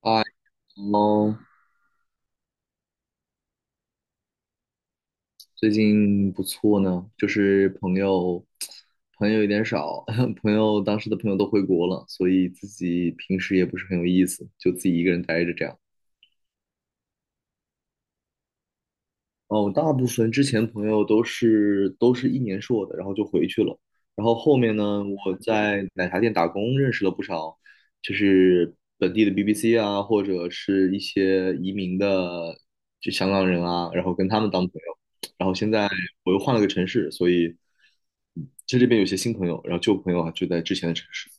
嗨，喽，最近不错呢，朋友有点少，当时的朋友都回国了，所以自己平时也不是很有意思，就自己一个人待着这样。哦，大部分之前朋友都是一年硕的，然后就回去了。然后后面呢，我在奶茶店打工，认识了不少，就是本地的 BBC 啊，或者是一些移民的就香港人啊，然后跟他们当朋友。然后现在我又换了个城市，所以在这边有些新朋友，然后旧朋友啊就在之前的城市。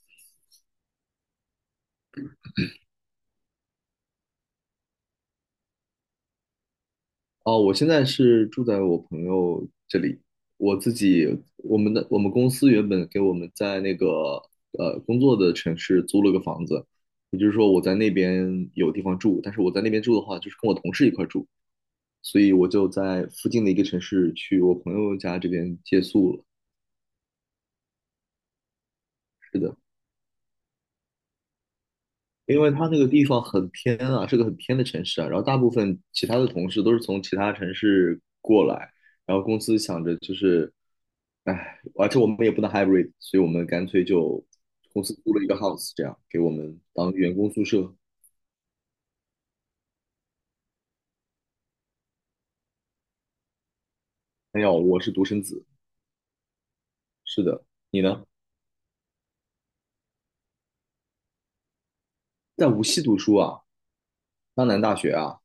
哦，我现在是住在我朋友这里，我自己，我们公司原本给我们在那个工作的城市租了个房子，也就是说我在那边有地方住，但是我在那边住的话，就是跟我同事一块儿住，所以我就在附近的一个城市去我朋友家这边借宿了。是的。因为他那个地方很偏啊，是个很偏的城市啊。然后大部分其他的同事都是从其他城市过来，然后公司想着就是，唉，而且我们也不能 hybrid，所以我们干脆就公司租了一个 house，这样给我们当员工宿舍。没有，我是独生子。是的，你呢？在无锡读书啊？江南大学啊？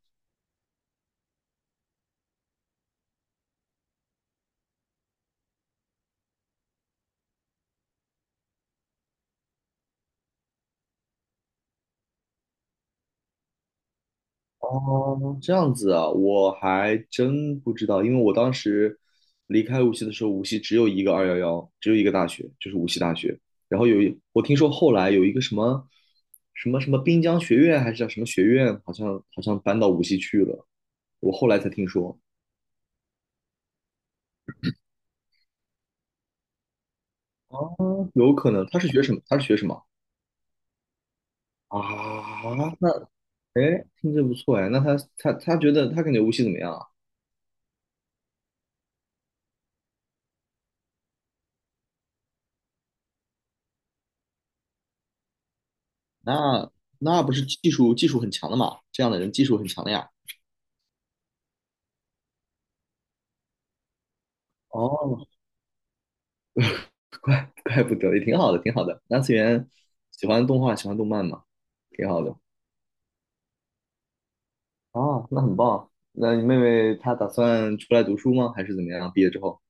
哦，这样子啊，我还真不知道，因为我当时离开无锡的时候，无锡只有一个211，只有一个大学，就是无锡大学。然后我听说后来有一个什么什么滨江学院，还是叫什么学院，好像搬到无锡去了。我后来才听说，啊，有可能他是学什么？他是学什么啊？那哎，听着不错哎，那他感觉无锡怎么样啊？那那不是技术很强的嘛？这样的人技术很强的呀。哦，怪不得，也挺好的，挺好的。二次元喜欢动画，喜欢动漫嘛，挺好的。哦，那很棒。那你妹妹她打算出来读书吗？还是怎么样？毕业之后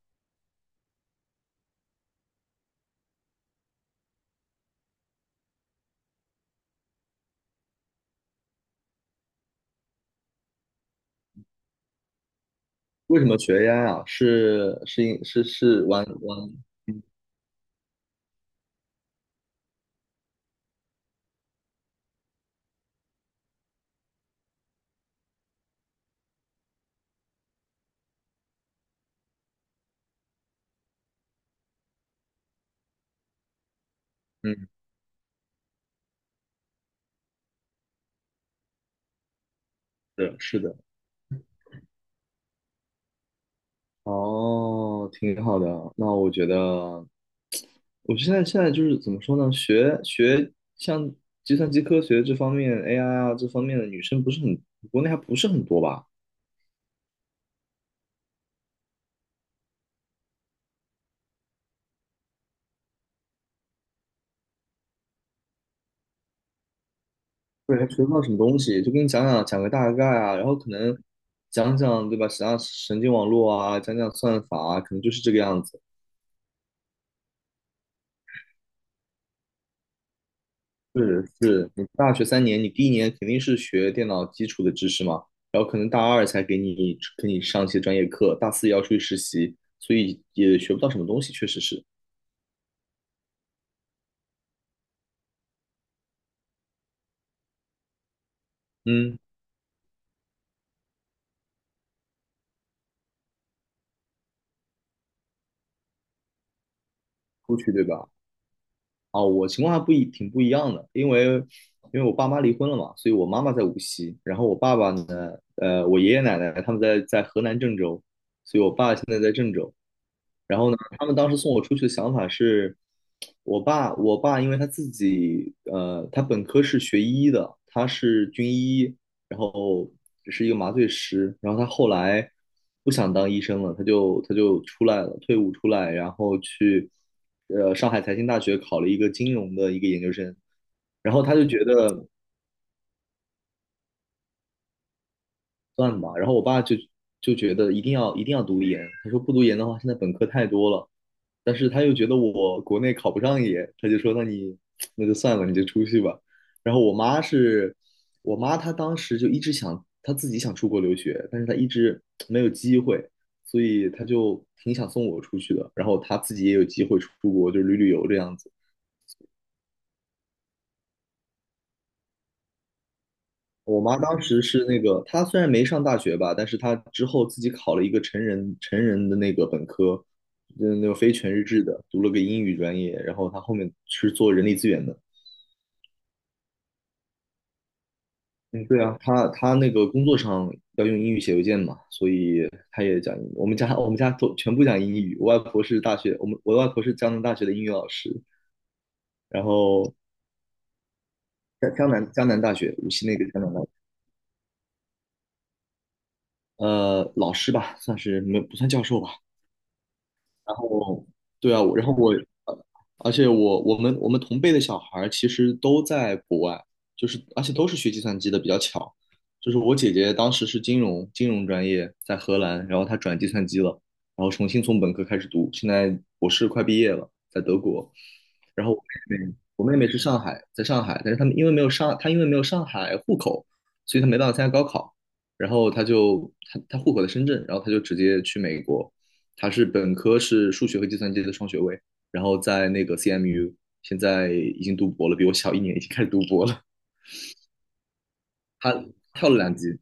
为什么学 AI 啊？是是因是是玩玩，嗯，是的。哦，挺好的。那我觉得，我现在就是怎么说呢？像计算机科学这方面 AI 啊这方面的女生不是很，国内还不是很多吧？对，还学不到什么东西，就跟你讲讲个大概啊，然后可能讲讲对吧，讲讲神经网络啊，讲讲算法啊，可能就是这个样子。是是，你大学3年，你第一年肯定是学电脑基础的知识嘛，然后可能大二才给你上一些专业课，大四也要出去实习，所以也学不到什么东西，确实是。嗯，出去对吧？啊，我情况还不一挺不一样的，因为我爸妈离婚了嘛，所以我妈妈在无锡，然后我爸爸呢，呃，我爷爷奶奶他们在河南郑州，爸是那种。然后呢，他们当时送我出去的想法是，我爸因为他自己，他本科是学医的，他是军医，然后是一个麻醉师，然后他后来不想当医生了，他就出来了，退伍出来，然后去，上海财经大学考了一个金融的一个研究生，然后他就觉得算吧，然后我爸就就觉得一定要读研，他说不读研的话，现在本科太多了。但是他又觉得我国内考不上研，他就说那你 那就算了，你就出去吧。然后我妈是，我妈她当时就一直想她自己想出国留学，但是她一直没有机会，所以她就挺想送我出去的。然后她自己也有机会出国，就旅游这样子。我妈当时是那个，她虽然没上大学吧，但是她之后自己考了一个成人的那个本科，嗯，那个非全日制的，读了个英语专业，然后她后面是做人力资源的。嗯，对啊，她她那个工作上要用英语写邮件嘛，所以她也讲英语。我们家都全部讲英语。我外婆是江南大学的英语老师，然后江南大学无锡那个江南大学，老师吧，算是没不算教授吧。然后，对啊，我然后我，呃而且我们同辈的小孩儿其实都在国外，就是而且都是学计算机的，比较巧。就是我姐姐当时是金融专业在荷兰，然后她转计算机了，然后重新从本科开始读，现在博士快毕业了，在德国。然后我妹妹是上海，在上海，但是她因为没有上海户口，所以她没办法参加高考，然后她就她她户口在深圳，然后她就直接去美国。他是本科是数学和计算机的双学位，然后在那个 CMU，现在已经读博了，比我小一年，已经开始读博了。他跳了两级，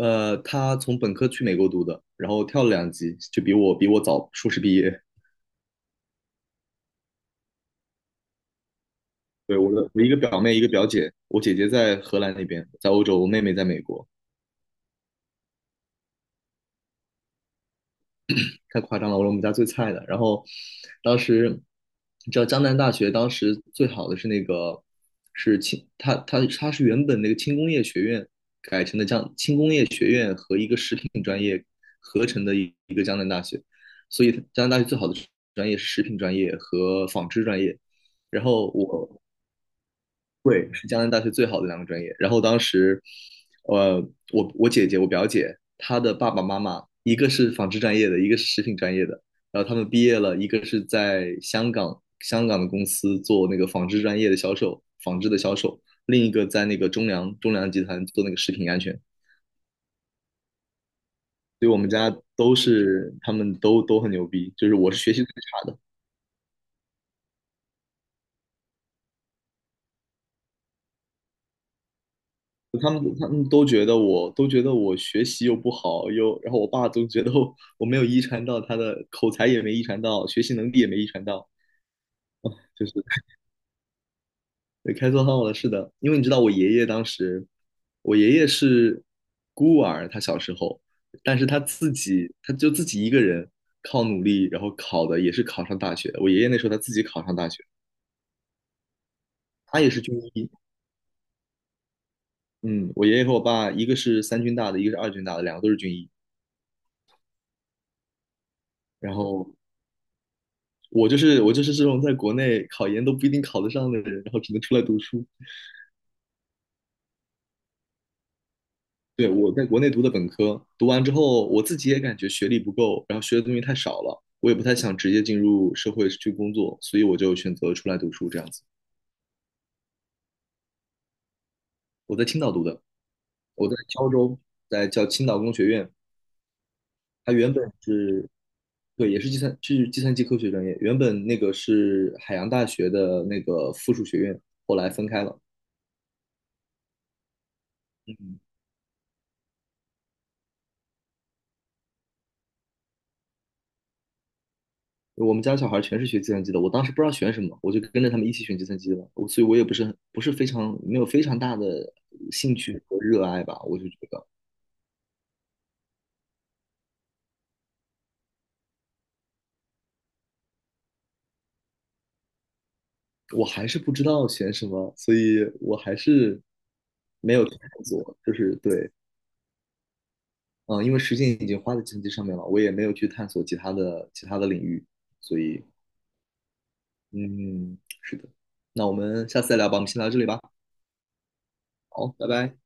他从本科去美国读的，然后跳了两级，就比我早硕士毕业。对，我一个表妹，一个表姐，我姐姐在荷兰那边，在欧洲，我妹妹在美国。太夸张了，我是我们家最菜的。然后当时你知道江南大学当时最好的是那个是轻，它它它是原本那个轻工业学院改成的江轻工业学院和一个食品专业合成的一个江南大学，所以它江南大学最好的专业是食品专业和纺织专业。然后我对，是江南大学最好的两个专业。然后当时，呃，我表姐她的爸爸妈妈一个是纺织专业的，一个是食品专业的。然后他们毕业了，一个是在香港的公司做那个纺织专业的销售，纺织的销售；另一个在那个中粮集团做那个食品安全。所以我们家都是他们都很牛逼，就是我是学习最差的。他们都觉得我学习又不好，又然后我爸总觉得我没有遗传到他的口才也没遗传到，学习能力也没遗传到，就是对开错号了。是的，因为你知道我爷爷当时，我爷爷是孤儿，他小时候，但是他自己他就自己一个人靠努力，然后考的也是考上大学的。我爷爷那时候他自己考上大学，他也是军医。嗯，我爷爷和我爸一个是三军大的，一个是二军大的，两个都是军医。然后我就是这种在国内考研都不一定考得上的人，然后只能出来读书。对，我在国内读的本科，读完之后我自己也感觉学历不够，然后学的东西太少了，我也不太想直接进入社会去工作，所以我就选择出来读书这样子。我在青岛读的，我在胶州，在叫青岛工学院，它原本是，对，也是计算机科学专业，原本那个是海洋大学的那个附属学院，后来分开了。嗯，我们家小孩全是学计算机的，我当时不知道选什么，我就跟着他们一起选计算机了。我所以，我也不是很不是非常没有非常大的兴趣和热爱吧。我就觉得我还是不知道选什么，所以我还是没有去探索。就是对，嗯，因为时间已经花在计算机上面了，我也没有去探索其他的领域。所以，嗯，是的。那我们下次再聊吧，我们先聊到这里吧。好，拜拜。